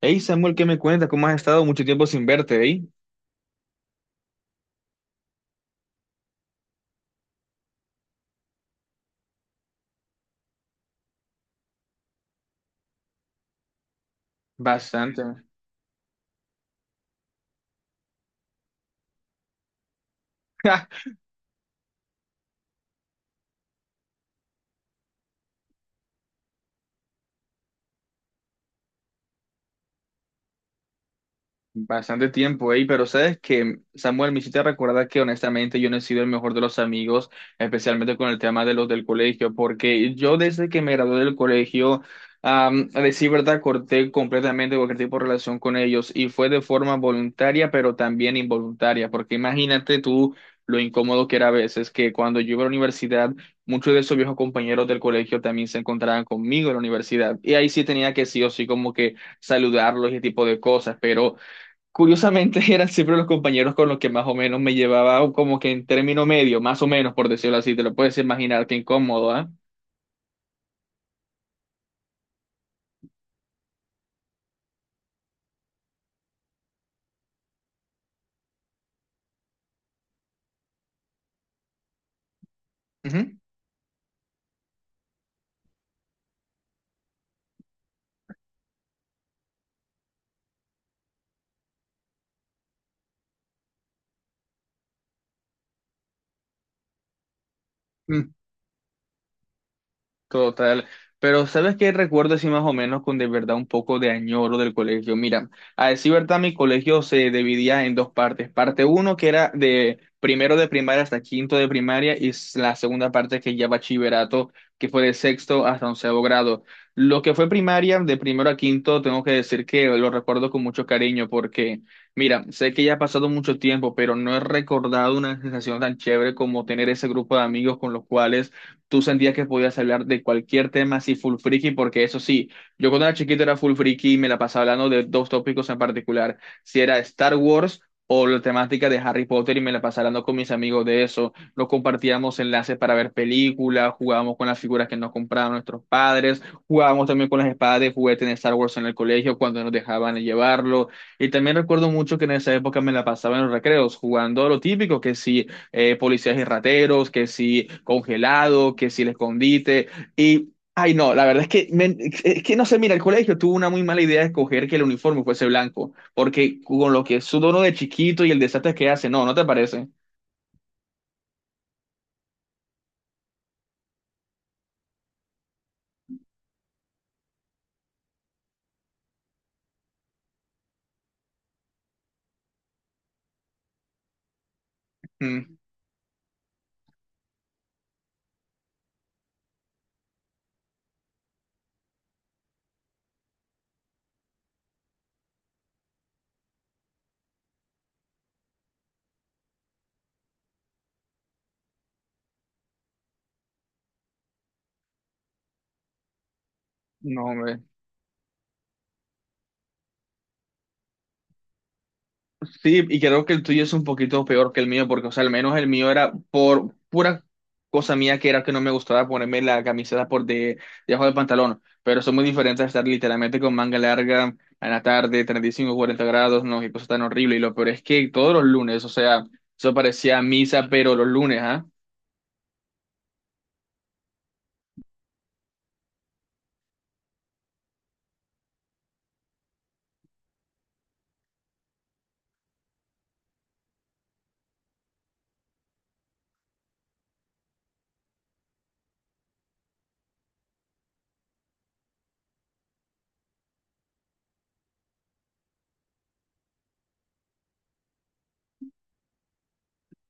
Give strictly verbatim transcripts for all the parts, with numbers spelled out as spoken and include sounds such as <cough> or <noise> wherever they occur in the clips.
Hey Samuel, ¿qué me cuentas? ¿Cómo has estado? Mucho tiempo sin verte, ¿eh? Bastante. <laughs> Bastante tiempo, ey, pero sabes que, Samuel, me hiciste recordar que honestamente yo no he sido el mejor de los amigos, especialmente con el tema de los del colegio, porque yo desde que me gradué del colegio, am, a decir verdad, corté completamente cualquier tipo de relación con ellos y fue de forma voluntaria, pero también involuntaria, porque imagínate tú lo incómodo que era a veces que cuando yo iba a la universidad, muchos de esos viejos compañeros del colegio también se encontraban conmigo en la universidad y ahí sí tenía que sí o sí como que saludarlos y ese tipo de cosas, pero... curiosamente <laughs> eran siempre los compañeros con los que más o menos me llevaba o como que en término medio, más o menos por decirlo así, te lo puedes imaginar, qué incómodo, ¿ah? Ujú. Total. Pero ¿sabes qué recuerdo así más o menos con de verdad un poco de añoro del colegio? Mira, a decir verdad, mi colegio se dividía en dos partes. Parte uno que era de primero de primaria hasta quinto de primaria y s- la segunda parte que ya bachillerato, que fue de sexto hasta onceavo grado. Lo que fue primaria, de primero a quinto, tengo que decir que lo recuerdo con mucho cariño porque, mira, sé que ya ha pasado mucho tiempo, pero no he recordado una sensación tan chévere como tener ese grupo de amigos con los cuales tú sentías que podías hablar de cualquier tema así full friki, porque eso sí, yo cuando era chiquito era full friki y me la pasaba hablando de dos tópicos en particular, si era Star Wars o la temática de Harry Potter y me la pasaba hablando con mis amigos de eso, nos compartíamos enlaces para ver películas, jugábamos con las figuras que nos compraban nuestros padres, jugábamos también con las espadas de juguete en Star Wars en el colegio cuando nos dejaban llevarlo, y también recuerdo mucho que en esa época me la pasaba en los recreos jugando a lo típico, que sí eh, policías y rateros, que si congelado, que si el escondite. Y, ay, no, la verdad es que, me- es que no sé, mira, el colegio tuvo una muy mala idea de escoger que el uniforme fuese blanco, porque con lo que es su dono de chiquito y el desastre que hace, no, ¿no te parece? Mm, no, hombre. Sí, y creo que el tuyo es un poquito peor que el mío, porque, o sea, al menos el mío era por pura cosa mía que era que no me gustaba ponerme la camiseta por de debajo del pantalón. Pero son muy diferentes a estar literalmente con manga larga en la tarde, treinta y cinco cuarenta grados, no, qué cosa tan horrible. Y lo peor es que todos los lunes, o sea, eso parecía misa, pero los lunes, ¿ah?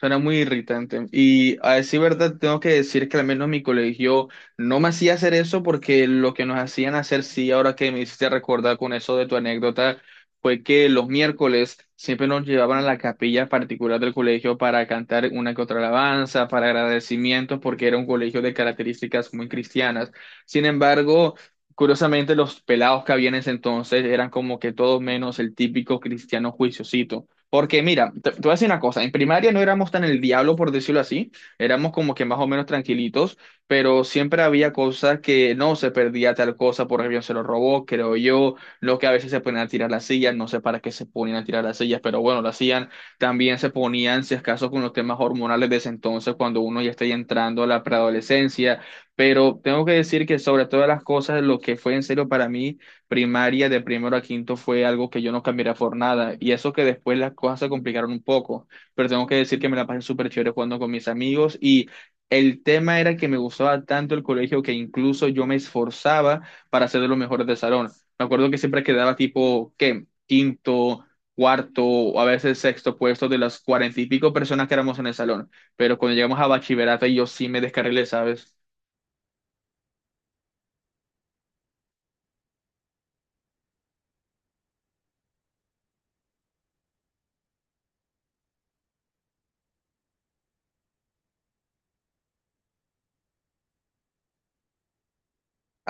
Suena muy irritante. Y a decir verdad, tengo que decir que al menos mi colegio no me hacía hacer eso porque lo que nos hacían hacer, sí, ahora que me hiciste recordar con eso de tu anécdota, fue que los miércoles siempre nos llevaban a la capilla particular del colegio para cantar una que otra alabanza, para agradecimientos, porque era un colegio de características muy cristianas. Sin embargo, curiosamente, los pelados que habían en ese entonces eran como que todos menos el típico cristiano juiciosito. Porque mira, te, te voy a decir una cosa, en primaria no éramos tan el diablo, por decirlo así, éramos como que más o menos tranquilitos, pero siempre había cosas que no se perdía tal cosa, por ejemplo, se lo robó, creo yo, lo que a veces se ponían a tirar las sillas, no sé para qué se ponían a tirar las sillas, pero bueno, lo hacían, también se ponían, si acaso, con los temas hormonales de ese entonces, cuando uno ya está ya entrando a la preadolescencia, pero tengo que decir que sobre todas las cosas, lo que fue en serio para mí primaria de primero a quinto fue algo que yo no cambiaría por nada. Y eso que después las cosas se complicaron un poco, pero tengo que decir que me la pasé súper chévere jugando con mis amigos y el tema era que me gustaba tanto el colegio que incluso yo me esforzaba para ser de los mejores del salón. Me acuerdo que siempre quedaba tipo, ¿qué? Quinto, cuarto o a veces sexto puesto de las cuarenta y pico personas que éramos en el salón. Pero cuando llegamos a bachillerato, yo sí me descarrilé, ¿sabes?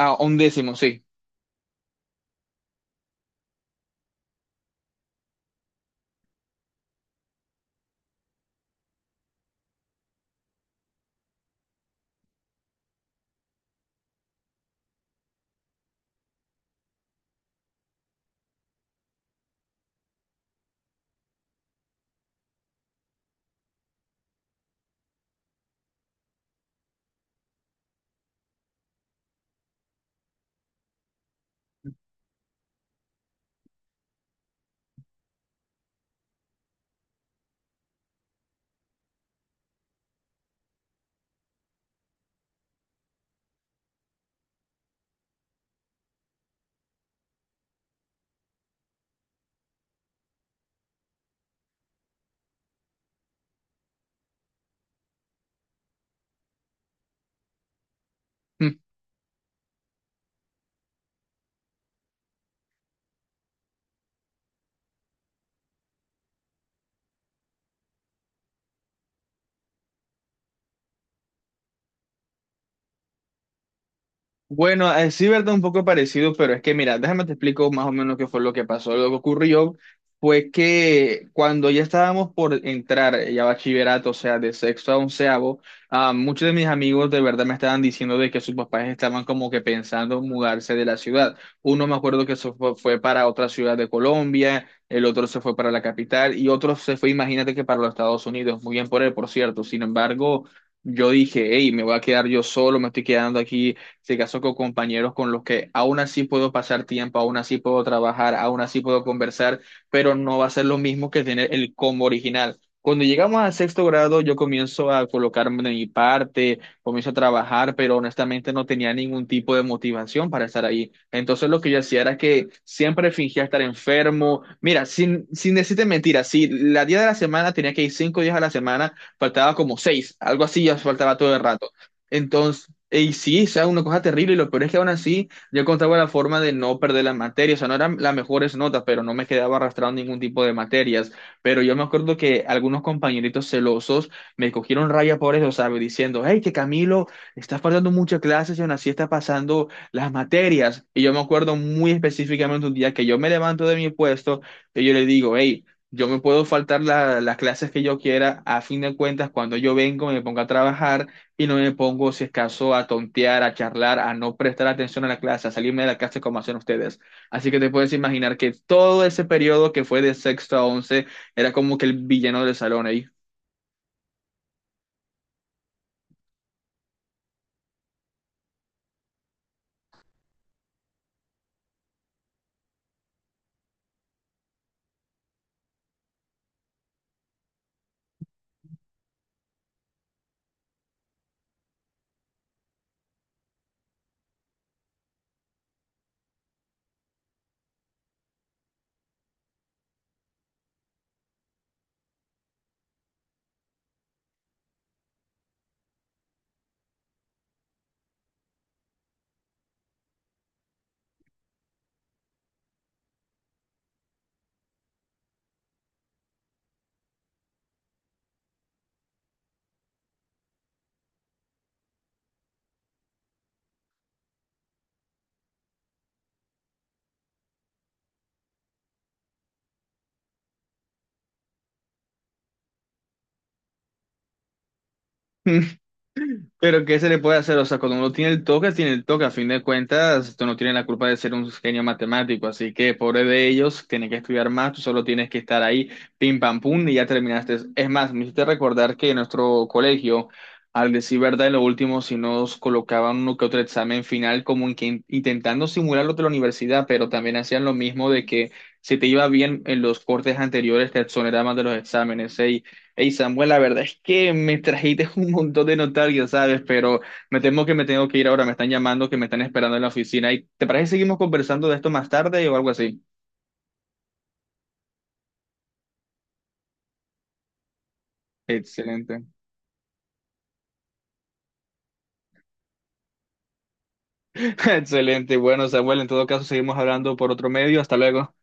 A un décimo, sí. Bueno, eh, sí, verdad, un poco parecido, pero es que mira, déjame te explico más o menos qué fue lo que pasó. Lo que ocurrió fue que cuando ya estábamos por entrar eh, ya a bachillerato, o sea, de sexto a onceavo, ah, muchos de mis amigos de verdad me estaban diciendo de que sus papás estaban como que pensando mudarse de la ciudad. Uno me acuerdo que se fue, fue para otra ciudad de Colombia, el otro se fue para la capital y otro se fue, imagínate que para los Estados Unidos. Muy bien por él, por cierto. Sin embargo, yo dije, hey, me voy a quedar yo solo, me estoy quedando aquí, se casó con compañeros con los que aún así puedo pasar tiempo, aún así puedo trabajar, aún así puedo conversar, pero no va a ser lo mismo que tener el combo original. Cuando llegamos al sexto grado, yo comienzo a colocarme de mi parte, comienzo a trabajar, pero honestamente no tenía ningún tipo de motivación para estar ahí. Entonces lo que yo hacía era que siempre fingía estar enfermo. Mira, sin, sin decirte mentiras, si la día de la semana tenía que ir cinco días a la semana, faltaba como seis, algo así, ya faltaba todo el rato. Entonces, y sí, o sea, una cosa terrible, y lo peor es que aún así yo encontraba la forma de no perder las materias, o sea, no eran las mejores notas, pero no me quedaba arrastrado en ningún tipo de materias. Pero yo me acuerdo que algunos compañeritos celosos me cogieron raya por eso, ¿sabes? Diciendo, hey, que Camilo, estás faltando muchas clases y aún así está pasando las materias. Y yo me acuerdo muy específicamente un día que yo me levanto de mi puesto y yo le digo, hey, yo me puedo faltar la- las clases que yo quiera, a fin de cuentas, cuando yo vengo, me pongo a trabajar y no me pongo, si es caso, a tontear, a charlar, a no prestar atención a la clase, a salirme de la clase como hacen ustedes. Así que te puedes imaginar que todo ese periodo que fue de sexto a once era como que el villano del salón ahí. <laughs> Pero ¿qué se le puede hacer? O sea, cuando uno tiene el toque, tiene el toque. A fin de cuentas, tú no tienes la culpa de ser un genio matemático. Así que, pobre de ellos, tienen que estudiar más. Tú solo tienes que estar ahí, pim, pam, pum, y ya terminaste. Es más, me hiciste recordar que en nuestro colegio, al decir verdad, en lo último, si nos colocaban uno que otro examen final, como en que in- intentando simular lo de la universidad, pero también hacían lo mismo de que si te iba bien en los cortes anteriores, te exoneraban de los exámenes. ¿Eh? Hey Samuel, la verdad es que me trajiste <laughs> un montón de notarios, ¿sabes? Pero me temo que me tengo que ir ahora, me están llamando, que me están esperando en la oficina. ¿Y te parece que seguimos conversando de esto más tarde o algo así? Excelente. <laughs> Excelente. Bueno, Samuel, en todo caso, seguimos hablando por otro medio. Hasta luego.